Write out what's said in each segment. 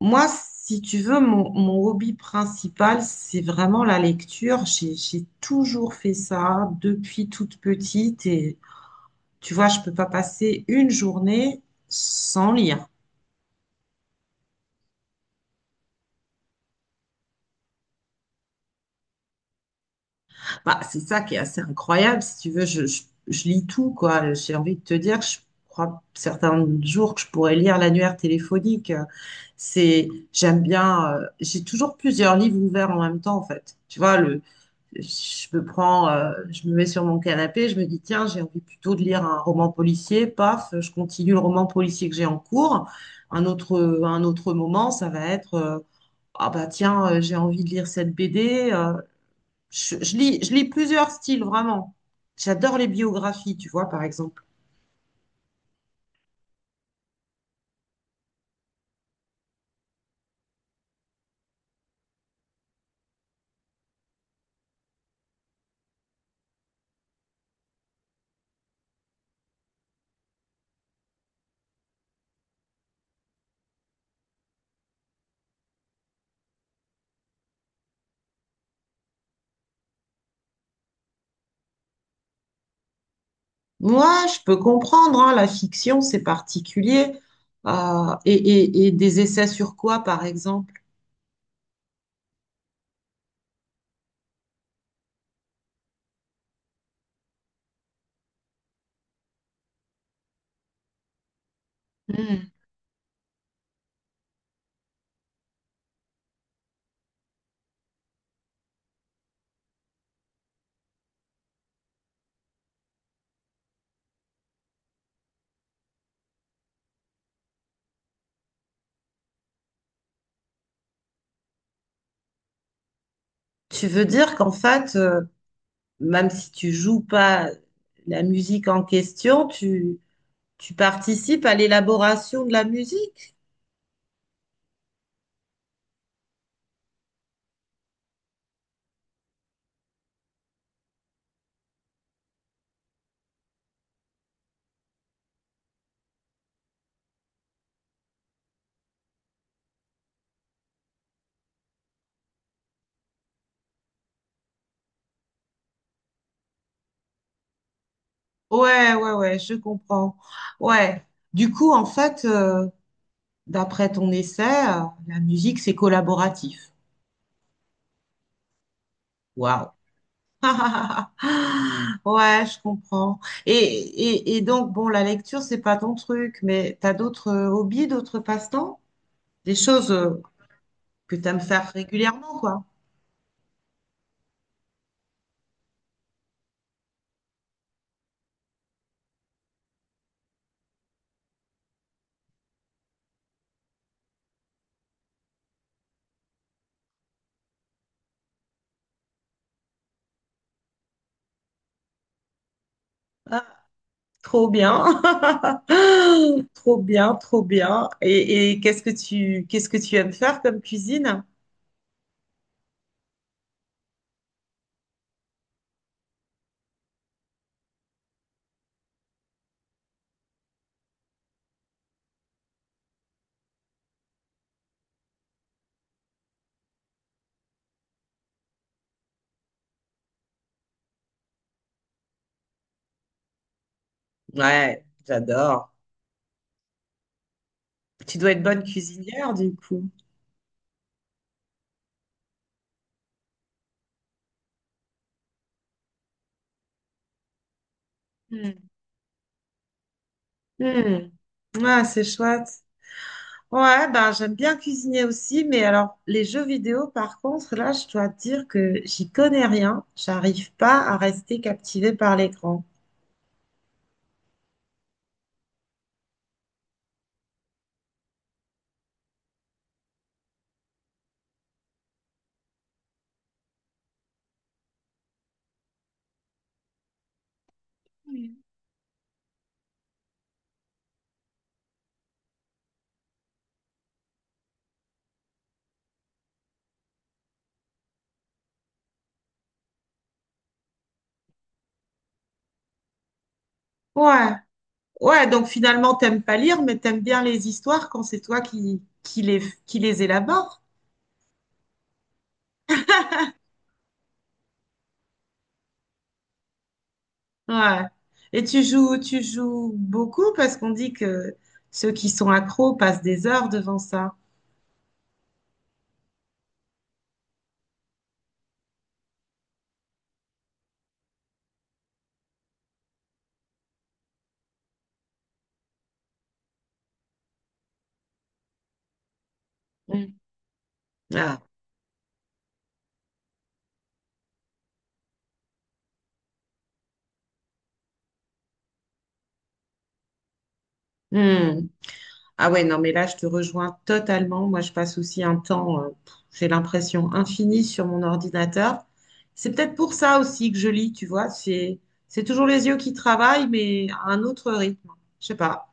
Moi, si tu veux, mon hobby principal, c'est vraiment la lecture. J'ai toujours fait ça depuis toute petite. Et tu vois, je peux pas passer une journée sans lire. Bah, c'est ça qui est assez incroyable. Si tu veux, je lis tout, quoi. J'ai envie de te dire, je crois certains jours que je pourrais lire l'annuaire téléphonique. C'est, j'aime bien, j'ai toujours plusieurs livres ouverts en même temps, en fait. Tu vois, je me prends, je me mets sur mon canapé, je me dis, tiens, j'ai envie plutôt de lire un roman policier, paf, je continue le roman policier que j'ai en cours. Un autre moment, ça va être, ah bah tiens, j'ai envie de lire cette BD. Je lis plusieurs styles, vraiment. J'adore les biographies, tu vois, par exemple. Moi, je peux comprendre, hein, la fiction, c'est particulier. Et des essais sur quoi, par exemple? Hmm. Tu veux dire qu'en fait, même si tu joues pas la musique en question, tu participes à l'élaboration de la musique. Ouais, ouais, ouais, je comprends. Ouais. Du coup, en fait, d'après ton essai, la musique, c'est collaboratif. Waouh. Ouais, je comprends. Et donc, bon, la lecture, c'est pas ton truc, mais t'as d'autres hobbies, d'autres passe-temps? Des choses que t'aimes faire régulièrement, quoi. Trop bien. Trop bien, trop bien. Et qu'est-ce que tu aimes faire comme cuisine? Ouais, j'adore. Tu dois être bonne cuisinière du coup. Hmm. Hmm. Ah, c'est chouette. Ouais, ben j'aime bien cuisiner aussi, mais alors les jeux vidéo, par contre, là, je dois te dire que j'y connais rien. J'arrive pas à rester captivée par l'écran. Ouais, ouais, donc finalement, t'aimes pas lire, mais t'aimes bien les histoires quand c'est toi qui les élabores. Ouais. Et tu joues beaucoup parce qu'on dit que ceux qui sont accros passent des heures devant ça. Mm. Ah. Hmm. Ah ouais, non, mais là, je te rejoins totalement. Moi, je passe aussi un temps, pff, j'ai l'impression, infini sur mon ordinateur. C'est peut-être pour ça aussi que je lis, tu vois. C'est toujours les yeux qui travaillent, mais à un autre rythme. Je sais pas.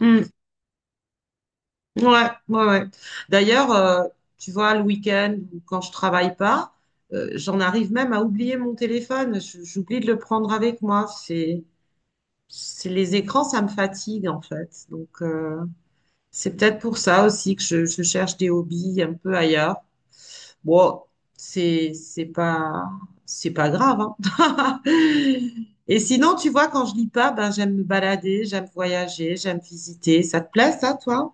Hmm. Ouais, ouais, ouais. D'ailleurs, tu vois, le week-end ou quand je travaille pas, j'en arrive même à oublier mon téléphone. J'oublie de le prendre avec moi. C'est les écrans, ça me fatigue en fait. Donc, c'est peut-être pour ça aussi que je cherche des hobbies un peu ailleurs. Bon, c'est, c'est pas, c'est pas grave, hein. Et sinon, tu vois, quand je lis pas, ben j'aime me balader, j'aime voyager, j'aime visiter. Ça te plaît, ça, toi?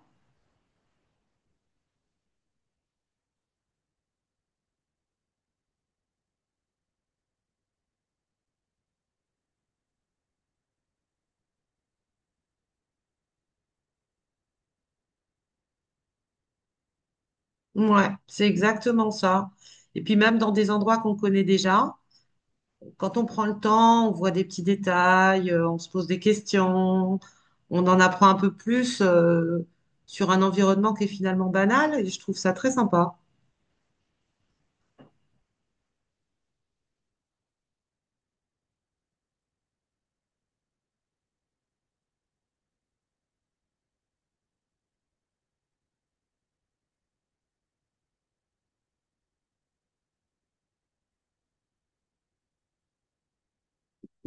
Ouais, c'est exactement ça. Et puis même dans des endroits qu'on connaît déjà, quand on prend le temps, on voit des petits détails, on se pose des questions, on en apprend un peu plus sur un environnement qui est finalement banal et je trouve ça très sympa.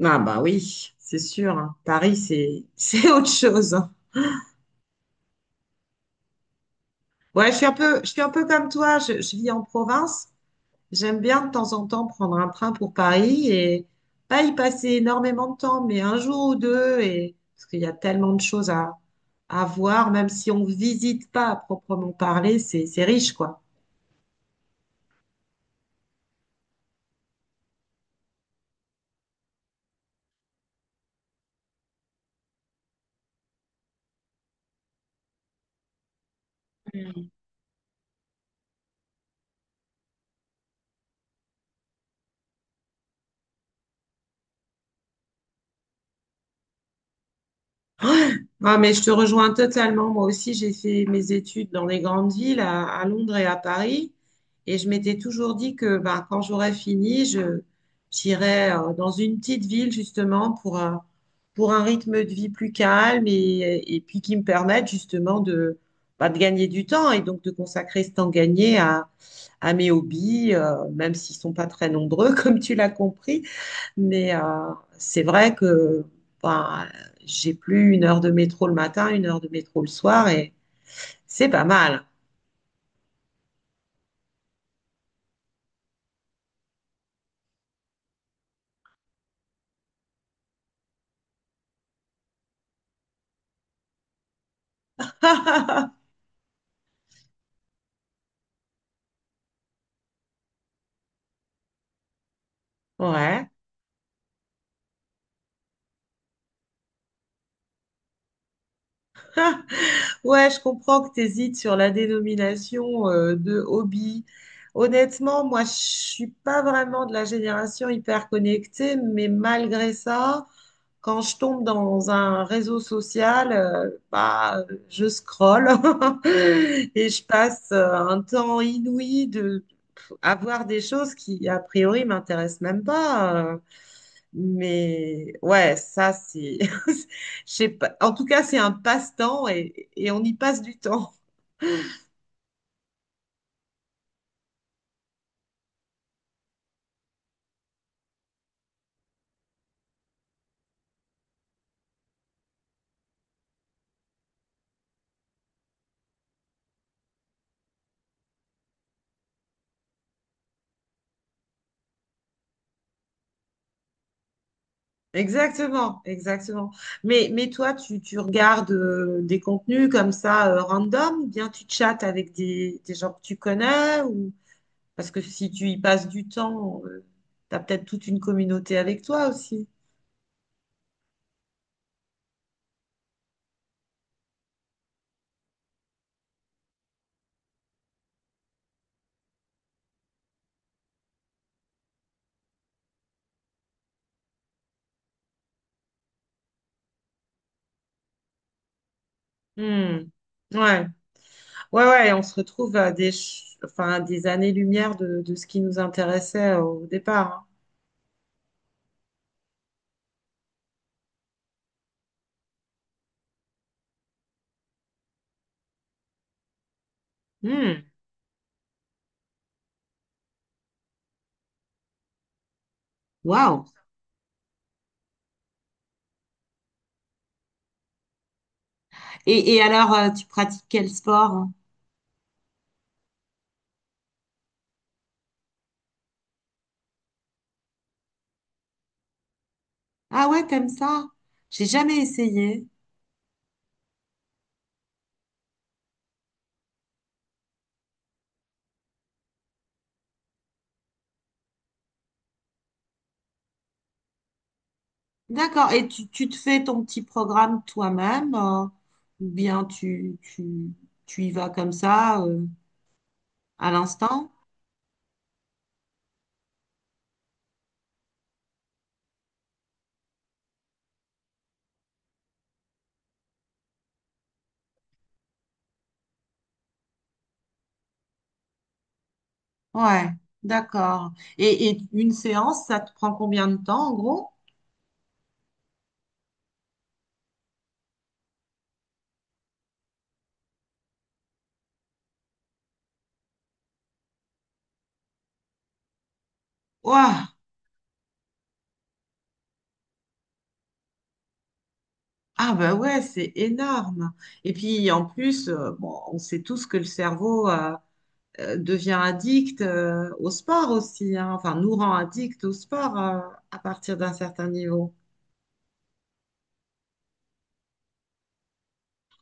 Ah bah oui, c'est sûr, hein. Paris, c'est c'est autre chose. Ouais, je suis un peu comme toi, je vis en province. J'aime bien de temps en temps prendre un train pour Paris et pas y passer énormément de temps, mais un jour ou deux, et, parce qu'il y a tellement de choses à voir, même si on visite pas à proprement parler, c'est riche, quoi. Ah, mais je te rejoins totalement. Moi aussi, j'ai fait mes études dans les grandes villes, à Londres et à Paris. Et je m'étais toujours dit que ben, quand j'aurais fini, j'irais dans une petite ville, justement, pour un rythme de vie plus calme et puis qui me permette, justement, de, ben, de gagner du temps et donc de consacrer ce temps gagné à mes hobbies, même s'ils sont pas très nombreux, comme tu l'as compris. Mais c'est vrai que ben, j'ai plus 1 heure de métro le matin, 1 heure de métro le soir et c'est pas mal. Ouais. Ouais, je comprends que tu hésites sur la dénomination de hobby. Honnêtement, moi, je suis pas vraiment de la génération hyper connectée, mais malgré ça, quand je tombe dans un réseau social, bah, je scrolle et je passe un temps inouï de à voir des choses qui, a priori, m'intéressent même pas. Mais ouais, ça, c'est… je sais pas. En tout cas, c'est un passe-temps et on y passe du temps. Exactement, exactement. Mais toi, tu regardes des contenus comme ça, random, ou bien tu chattes avec des gens que tu connais ou… Parce que si tu y passes du temps, t'as peut-être toute une communauté avec toi aussi. Hmm. Ouais, ouais, ouais, on se retrouve à enfin, à des années-lumière de ce qui nous intéressait au départ. Hein. Hmm. Waouh. Et alors, tu pratiques quel sport, hein? Ah ouais, t'aimes ça? J'ai jamais essayé. D'accord. Et tu te fais ton petit programme toi-même, ou bien tu y vas comme ça, à l'instant? Ouais, d'accord. Et une séance, ça te prend combien de temps en gros? Ouah. Ah bah ouais, c'est énorme. Et puis en plus, bon, on sait tous que le cerveau devient addict au sport aussi, hein. Enfin, nous rend addict au sport à partir d'un certain niveau.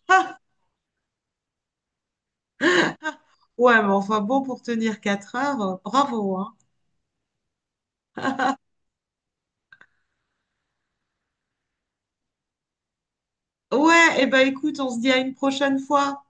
Ah, ouais, mais enfin bon, pour tenir 4 heures, bravo, hein. Ouais, et ben écoute, on se dit à une prochaine fois.